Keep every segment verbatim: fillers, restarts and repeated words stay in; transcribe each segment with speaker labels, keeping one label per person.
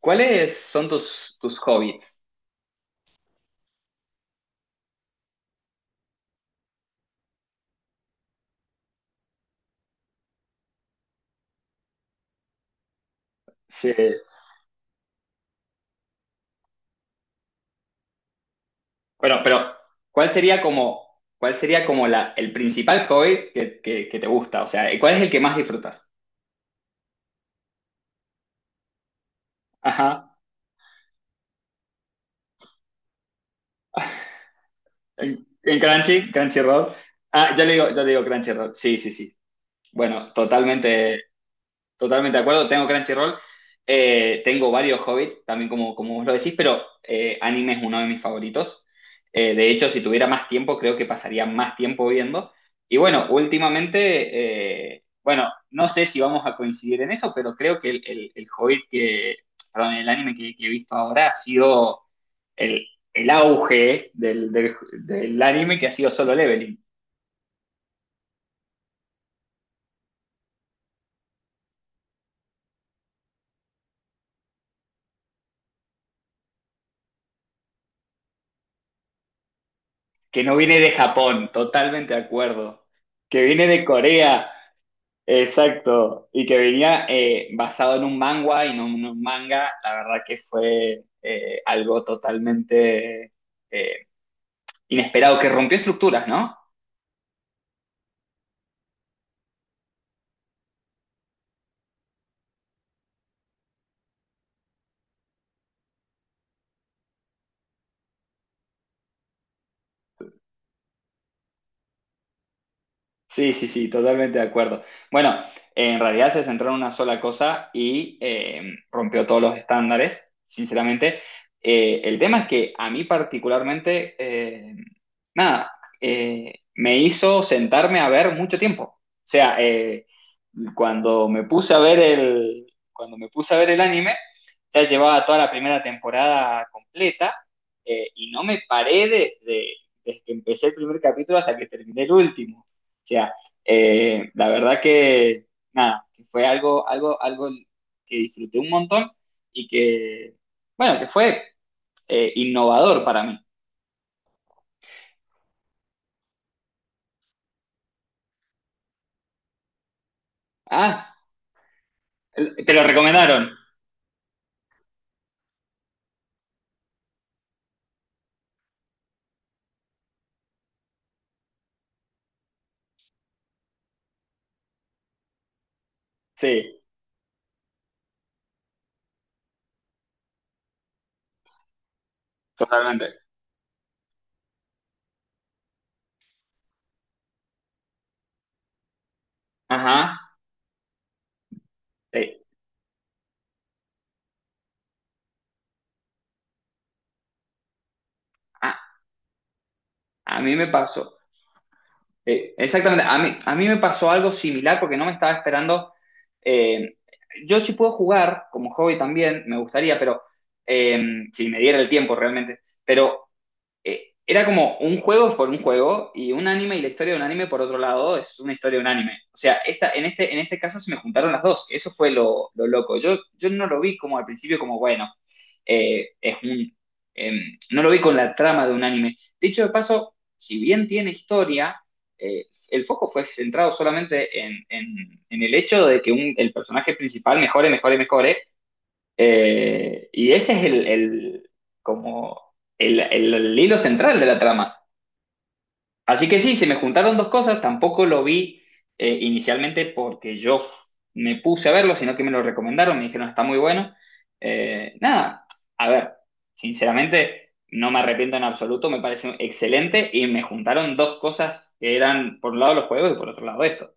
Speaker 1: ¿Cuáles son tus, tus hobbies? Sí. Bueno, pero ¿cuál sería como, cuál sería como la, el principal hobby que, que, que te gusta? O sea, ¿cuál es el que más disfrutas? Ajá. En, en Crunchy, Crunchyroll. Ah, ya le digo, ya le digo Crunchyroll. Sí, sí, sí. Bueno, totalmente. Totalmente de acuerdo, tengo Crunchyroll, eh, tengo varios Hobbits, también como, como vos lo decís, pero eh, anime es uno de mis favoritos. Eh, de hecho, si tuviera más tiempo, creo que pasaría más tiempo viendo. Y bueno, últimamente, eh, bueno, no sé si vamos a coincidir en eso, pero creo que el, el, el Hobbit que, perdón, el anime que, que he visto ahora ha sido el, el auge del, del, del anime que ha sido Solo Leveling, que no viene de Japón, totalmente de acuerdo, que viene de Corea. Exacto, y que venía eh, basado en un manga y no en un manga, la verdad que fue eh, algo totalmente eh, inesperado, que rompió estructuras, ¿no? Sí, sí, sí, totalmente de acuerdo. Bueno, en realidad se centró en una sola cosa y eh, rompió todos los estándares, sinceramente. Eh, el tema es que a mí particularmente, eh, nada, eh, me hizo sentarme a ver mucho tiempo. O sea, eh, cuando me puse a ver el, cuando me puse a ver el anime, ya llevaba toda la primera temporada completa eh, y no me paré desde, desde que empecé el primer capítulo hasta que terminé el último sea, eh, la verdad que, nada, que fue algo, algo, algo que disfruté un montón y que, bueno, que fue eh, innovador para mí. Ah, el- te lo recomendaron. Sí, totalmente. Ajá. Sí. A, a mí me pasó. eh, exactamente, a mí, a mí me pasó algo similar porque no me estaba esperando. eh, yo sí puedo jugar como hobby también, me gustaría, pero eh, si me diera el tiempo realmente. Pero eh, era como un juego por un juego y un anime y la historia de un anime por otro lado es una historia de un anime. O sea, esta, en, este, en este caso se me juntaron las dos. Eso fue lo, lo loco. Yo, yo no lo vi como al principio como, bueno, eh, es un... eh, no lo vi con la trama de un anime. Dicho de paso, si bien tiene historia, eh, el foco fue centrado solamente en, en- en el hecho de que un- el personaje principal mejore, mejore, mejore, eh, y ese es el, el- como el, el- el hilo central de la trama. Así que sí, se me juntaron dos cosas, tampoco lo vi eh, inicialmente porque yo f- me puse a verlo, sino que me lo recomendaron, me dijeron está muy bueno. Eh, nada, a ver, sinceramente no me arrepiento en absoluto, me pareció excelente y me juntaron dos cosas que eran por un lado los juegos y por otro lado esto.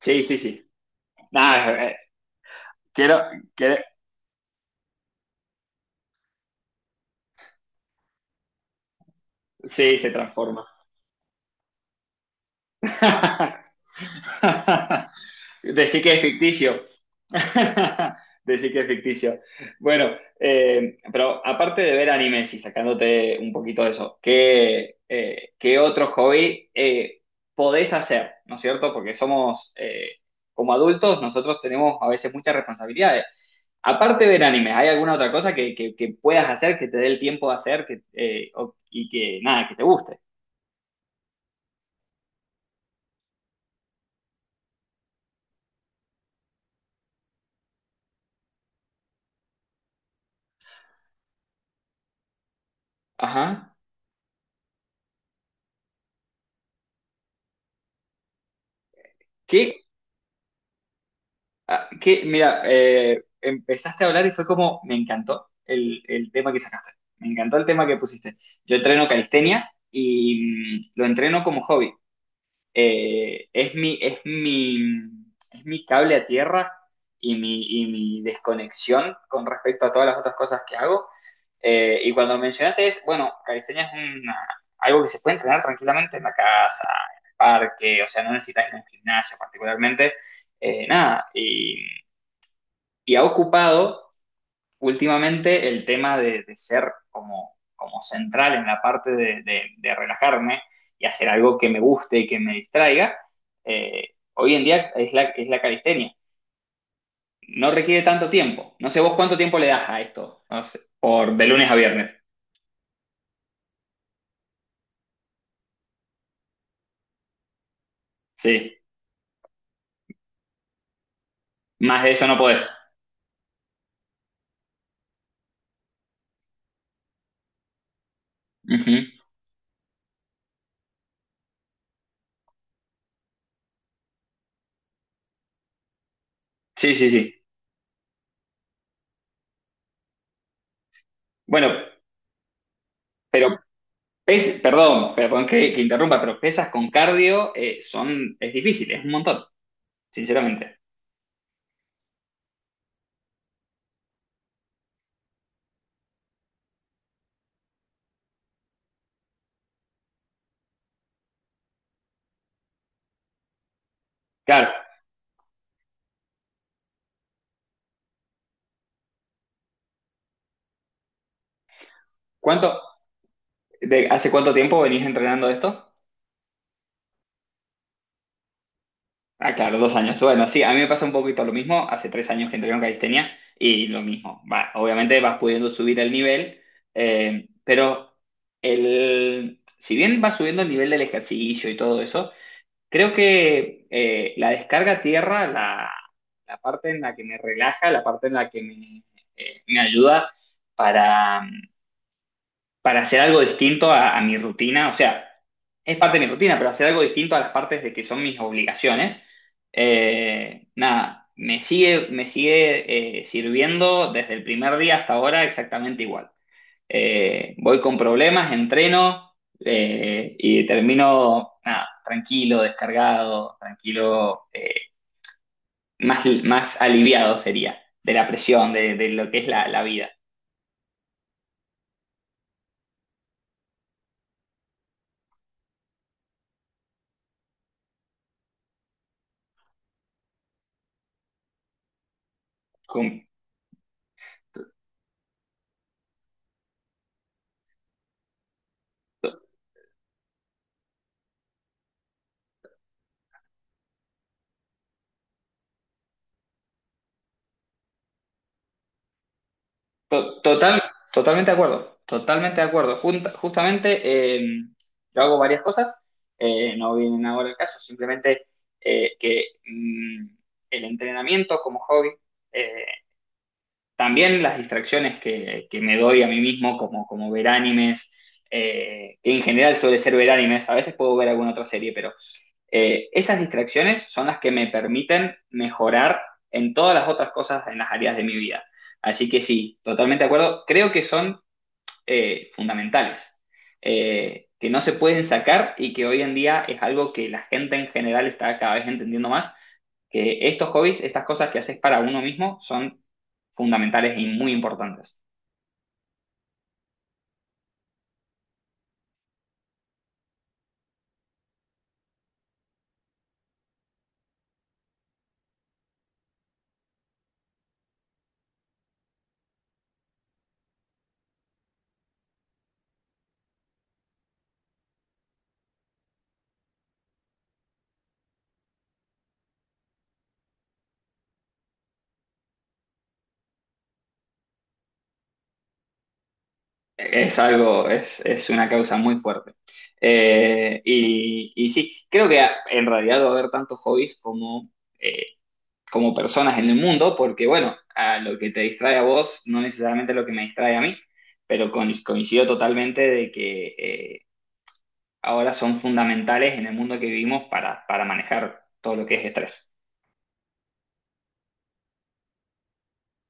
Speaker 1: Sí, sí, sí. Nada, eh, quiero, quiero, sí, se transforma. Decir que es ficticio. Decir que es ficticio. Bueno, eh, pero aparte de ver animes y sacándote un poquito de eso, ¿qué, eh, qué otro hobby eh, podés hacer? ¿No es cierto? Porque somos, eh, como adultos, nosotros tenemos a veces muchas responsabilidades. Aparte de ver animes, ¿hay alguna otra cosa que, que- que puedas hacer, que te dé el tiempo de hacer que, eh, o- y que nada, que te guste? Ajá. ¿Qué, Ah, que, mira, eh, empezaste a hablar y fue como, me encantó el, el tema que sacaste, me encantó el tema que pusiste. Yo entreno calistenia y mm, lo entreno como hobby. Eh, es mi, es mi, es mi cable a tierra y mi, y mi desconexión con respecto a todas las otras cosas que hago. Eh, y cuando mencionaste es, bueno, calistenia es una- algo que se puede entrenar tranquilamente en la casa, en el parque, o sea, no necesitas ir a un gimnasio particularmente, eh, nada, y y ha ocupado últimamente el tema de, de ser como, como central en la parte de, de, de, relajarme y hacer algo que me guste y que me distraiga, eh, hoy en día es la, es la calistenia. No requiere tanto tiempo. No sé vos cuánto tiempo le das a esto, no sé, por de lunes a viernes. Sí, más de eso no podés. Uh -huh. Sí, sí, sí. Bueno, pero pes perdón, perdón que, que, interrumpa, pero pesas con cardio eh, son, es difícil, es un montón, sinceramente. Claro, ¿cuánto, ¿de hace cuánto tiempo venís entrenando esto? Ah, claro, dos años. Bueno, sí, a mí me pasa un poquito lo mismo. Hace tres años que entreno calistenia y lo mismo. Va, obviamente vas pudiendo subir el nivel, eh, pero el, si bien vas subiendo el nivel del ejercicio y todo eso, creo que eh, la descarga a tierra, la, la parte en la que me relaja, la parte en la que me, eh, me ayuda para hacer algo distinto a, a mi rutina, o sea, es parte de mi rutina, pero hacer algo distinto a las partes de que son mis obligaciones, eh, nada, me sigue, me sigue eh, sirviendo desde el primer día hasta ahora exactamente igual. Eh, voy con problemas, entreno eh, y termino nada, tranquilo, descargado, tranquilo, eh, más, más aliviado sería de la presión, de, de lo que es la, la vida. Com- To- Total, totalmente de acuerdo, totalmente de acuerdo. Junta- justamente eh, yo hago varias cosas, eh, no vienen ahora el caso, simplemente eh, que mm, el entrenamiento como hobby, eh, también las distracciones que, que me doy a mí mismo, como, como ver animes, eh, que en general suele ser ver animes, a veces puedo ver alguna otra serie, pero eh, esas distracciones son las que me permiten mejorar en todas las otras cosas, en las áreas de mi vida. Así que sí, totalmente de acuerdo. Creo que son eh, fundamentales, eh, que no se pueden sacar y que hoy en día es algo que la gente en general está cada vez entendiendo más, que estos hobbies, estas cosas que haces para uno mismo son fundamentales y muy importantes. Es algo, es, es una causa muy fuerte. Eh, y, y sí, creo que a- en realidad va a haber tantos hobbies como, eh, como personas en el mundo, porque bueno, a lo que te distrae a vos no necesariamente es lo que me distrae a mí, pero con- coincido totalmente de que eh, ahora son fundamentales en el mundo que vivimos para, para manejar todo lo que es estrés.